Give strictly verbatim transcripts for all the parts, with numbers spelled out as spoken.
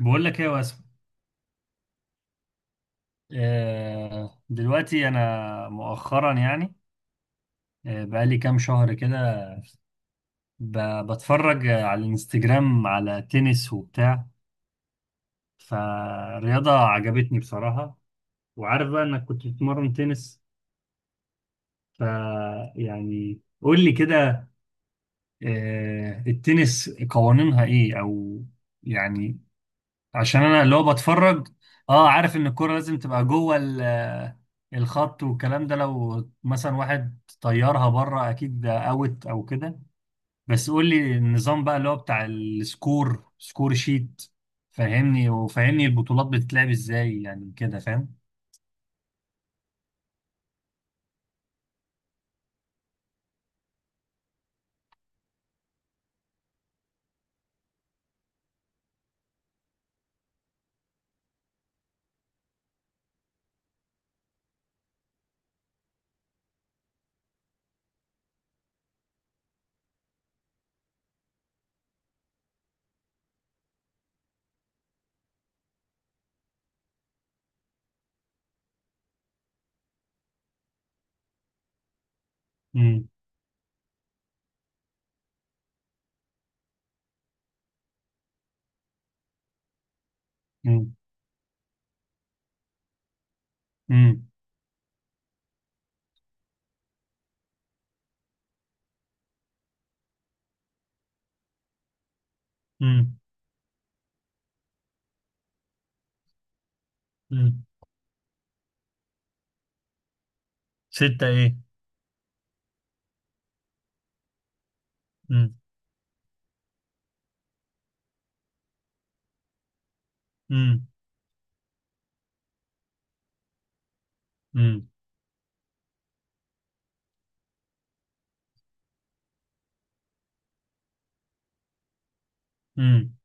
بقول لك ايه يا واسم؟ آه، دلوقتي انا مؤخرا يعني، آه، بقالي كام شهر كده ب- بتفرج على الانستجرام على تنس وبتاع. فالرياضة عجبتني بصراحة، وعارف بقى انك كنت بتتمرن تنس، ف يعني قول لي كده. آه، التنس قوانينها ايه او يعني، عشان انا اللي هو بتفرج. اه عارف ان الكرة لازم تبقى جوه ال- الخط والكلام ده، لو مثلا واحد طيرها بره اكيد ده اوت او كده. بس قول لي النظام بقى اللي هو بتاع السكور سكور شيت، فهمني وفهمني البطولات بتتلعب ازاي يعني، كده فاهم. امم. امم. امم. امم. امم. ستة ايه؟ امم. امم. امم. امم.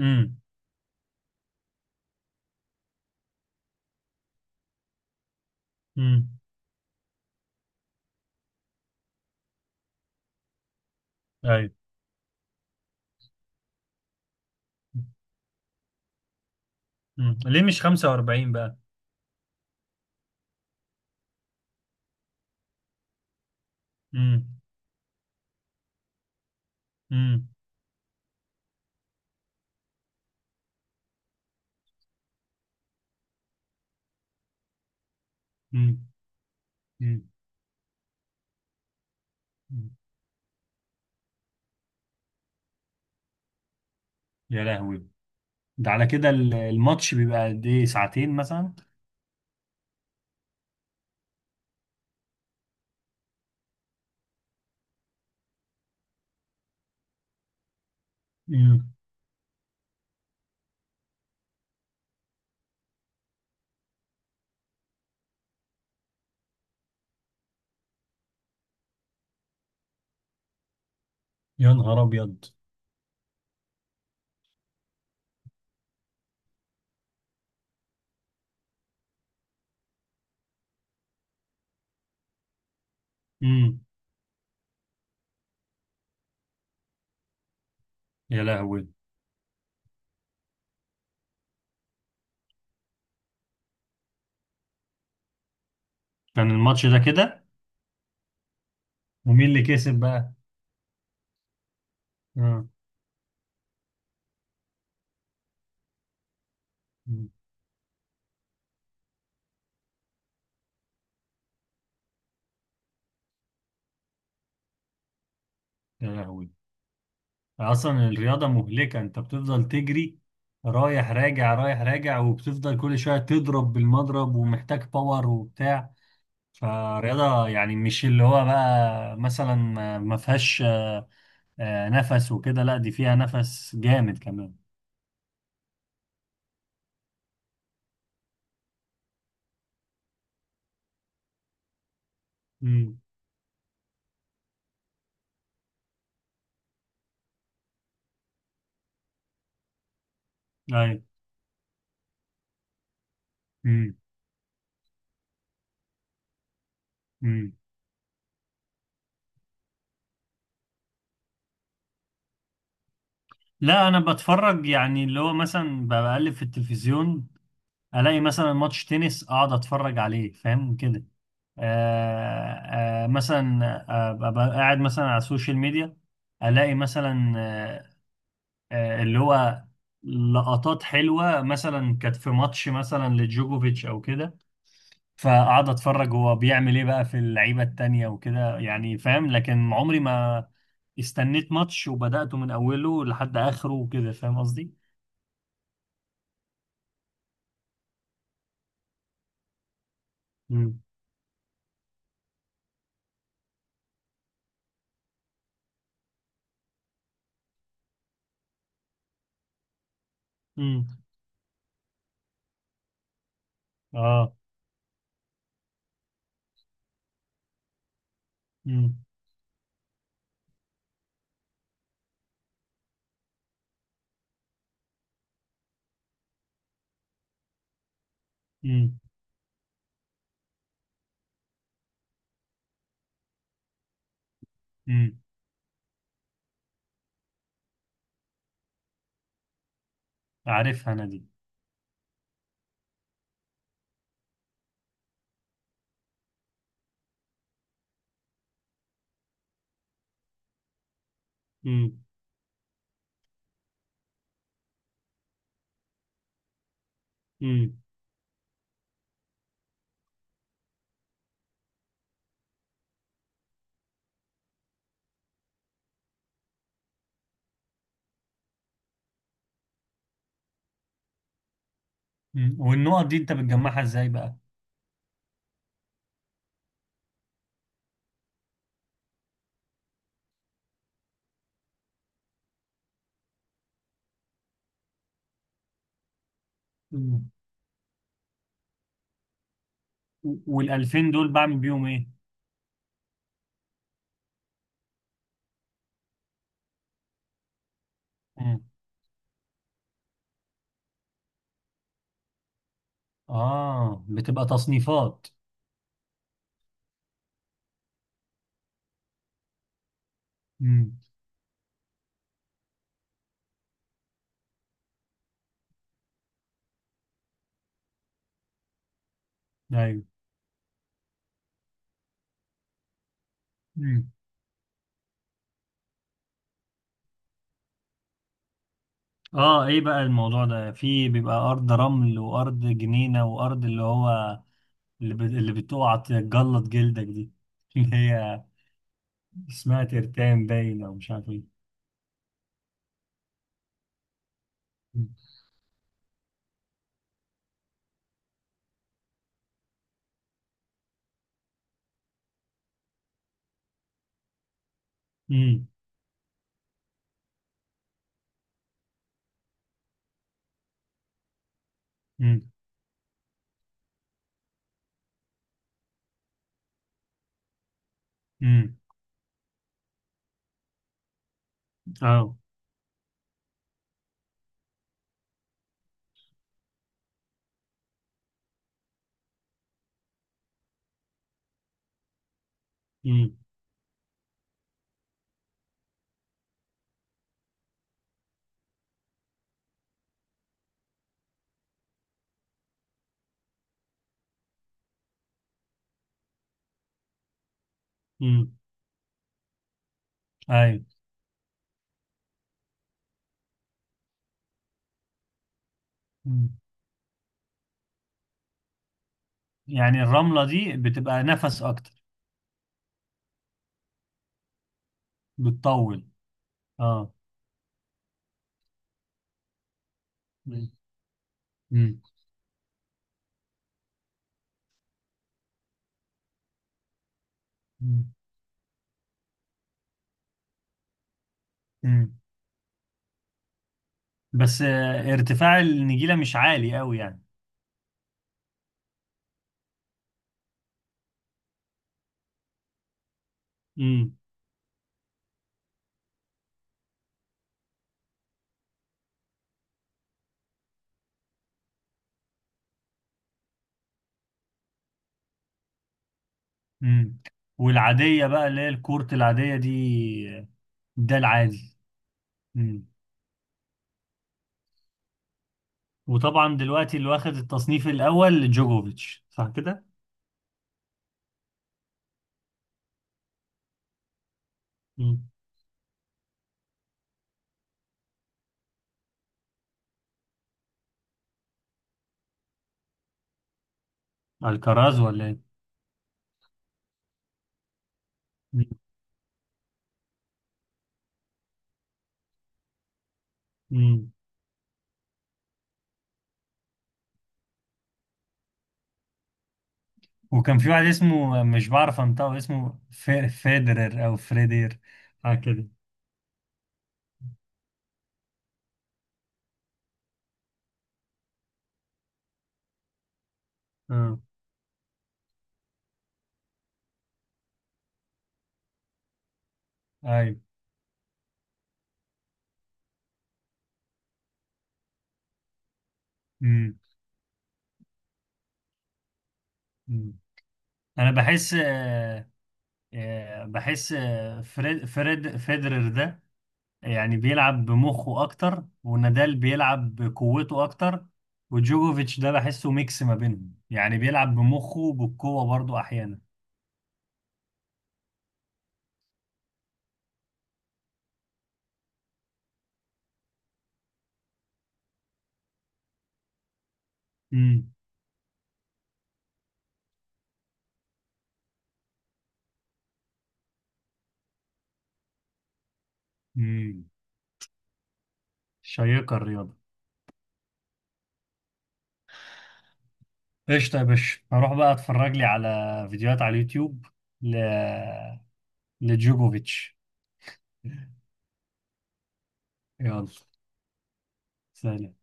امم. امم. ايوه. امم، ليه مش خمسة وأربعين بقى؟ امم. امم. امم. يا لهوي. ده على كده ال- الماتش بيبقى قد ايه، ساعتين مثلا؟ امم. يا نهار ابيض. امم. يا لهوي. كان الماتش ده كده؟ ومين اللي كسب بقى؟ امم. يا لهوي. اصلا الرياضة مهلكة، انت بتفضل تجري رايح راجع رايح راجع، وبتفضل كل شوية تضرب بالمضرب، ومحتاج باور وبتاع. فالرياضة يعني مش اللي هو بقى مثلا ما ما فيهاش آه، آه، نفس وكده، لا دي فيها نفس جامد كمان. امم. مم. مم. لا انا بتفرج يعني اللي هو مثلا ب- بقلب في التلفزيون، الاقي مثلا ماتش تنس اقعد اتفرج عليه، فاهم كده. آه آه مثلا آه، ابقى قاعد مثلا على السوشيال ميديا، الاقي مثلا آه آه اللي هو لقطات حلوة مثلا كانت في ماتش مثلا لجوكوفيتش او كده، فقعد اتفرج هو بيعمل ايه بقى في اللعيبه التانية وكده، يعني فاهم. لكن عمري ما استنيت ماتش وبدأته من اوله لحد اخره، وكده فاهم قصدي؟ امم. امم. اه. امم. امم. امم. عارفها انا دي. امم. امم. أمم. والنقط دي انت بتجمعها ازاي بقى؟ امم. وال ألفين دول بعمل بيهم ايه؟ امم. اه بتبقى تصنيفات. امم. ايوه. اه، ايه بقى الموضوع ده؟ في بيبقى ارض رمل وارض جنينة وارض اللي هو، اللي, ب... اللي بتقع تجلط جلدك دي، اللي هي اسمها ترتان باين او مش عارف ايه. امم. امم. امم. اه. امم. امم. ايوه. مم. يعني الرملة دي بتبقى نفس اكتر. بتطول. اه. مم. مم. مم. مم. بس آه، ارتفاع النجيلة مش عالي قوي يعني. امم. امم. والعادية بقى اللي هي الكورت العادية دي. ده العادي. مم. وطبعا دلوقتي اللي واخد التصنيف الأول جوجوفيتش، صح كده؟ مم. الكراز ولا ايه؟ مم. مم. وكان في واحد اسمه مش بعرف انطقه، اسمه في- فيدرر او فريدير، حاجة كده. اه. ايوه. مم. مم. انا بحس آه، آه، بحس آه، فريد فريد فيدرر ده يعني بيلعب بمخه اكتر، ونادال بيلعب بقوته اكتر، وجوجوفيتش ده بحسه ميكس ما بينهم، يعني بيلعب بمخه وبالقوة برضو احيانا. امم. امم. شيقة الرياضة. قشطة يا باشا، هروح بقى اتفرج لي على فيديوهات على اليوتيوب ل... لجوجوفيتش. يلا. سلام.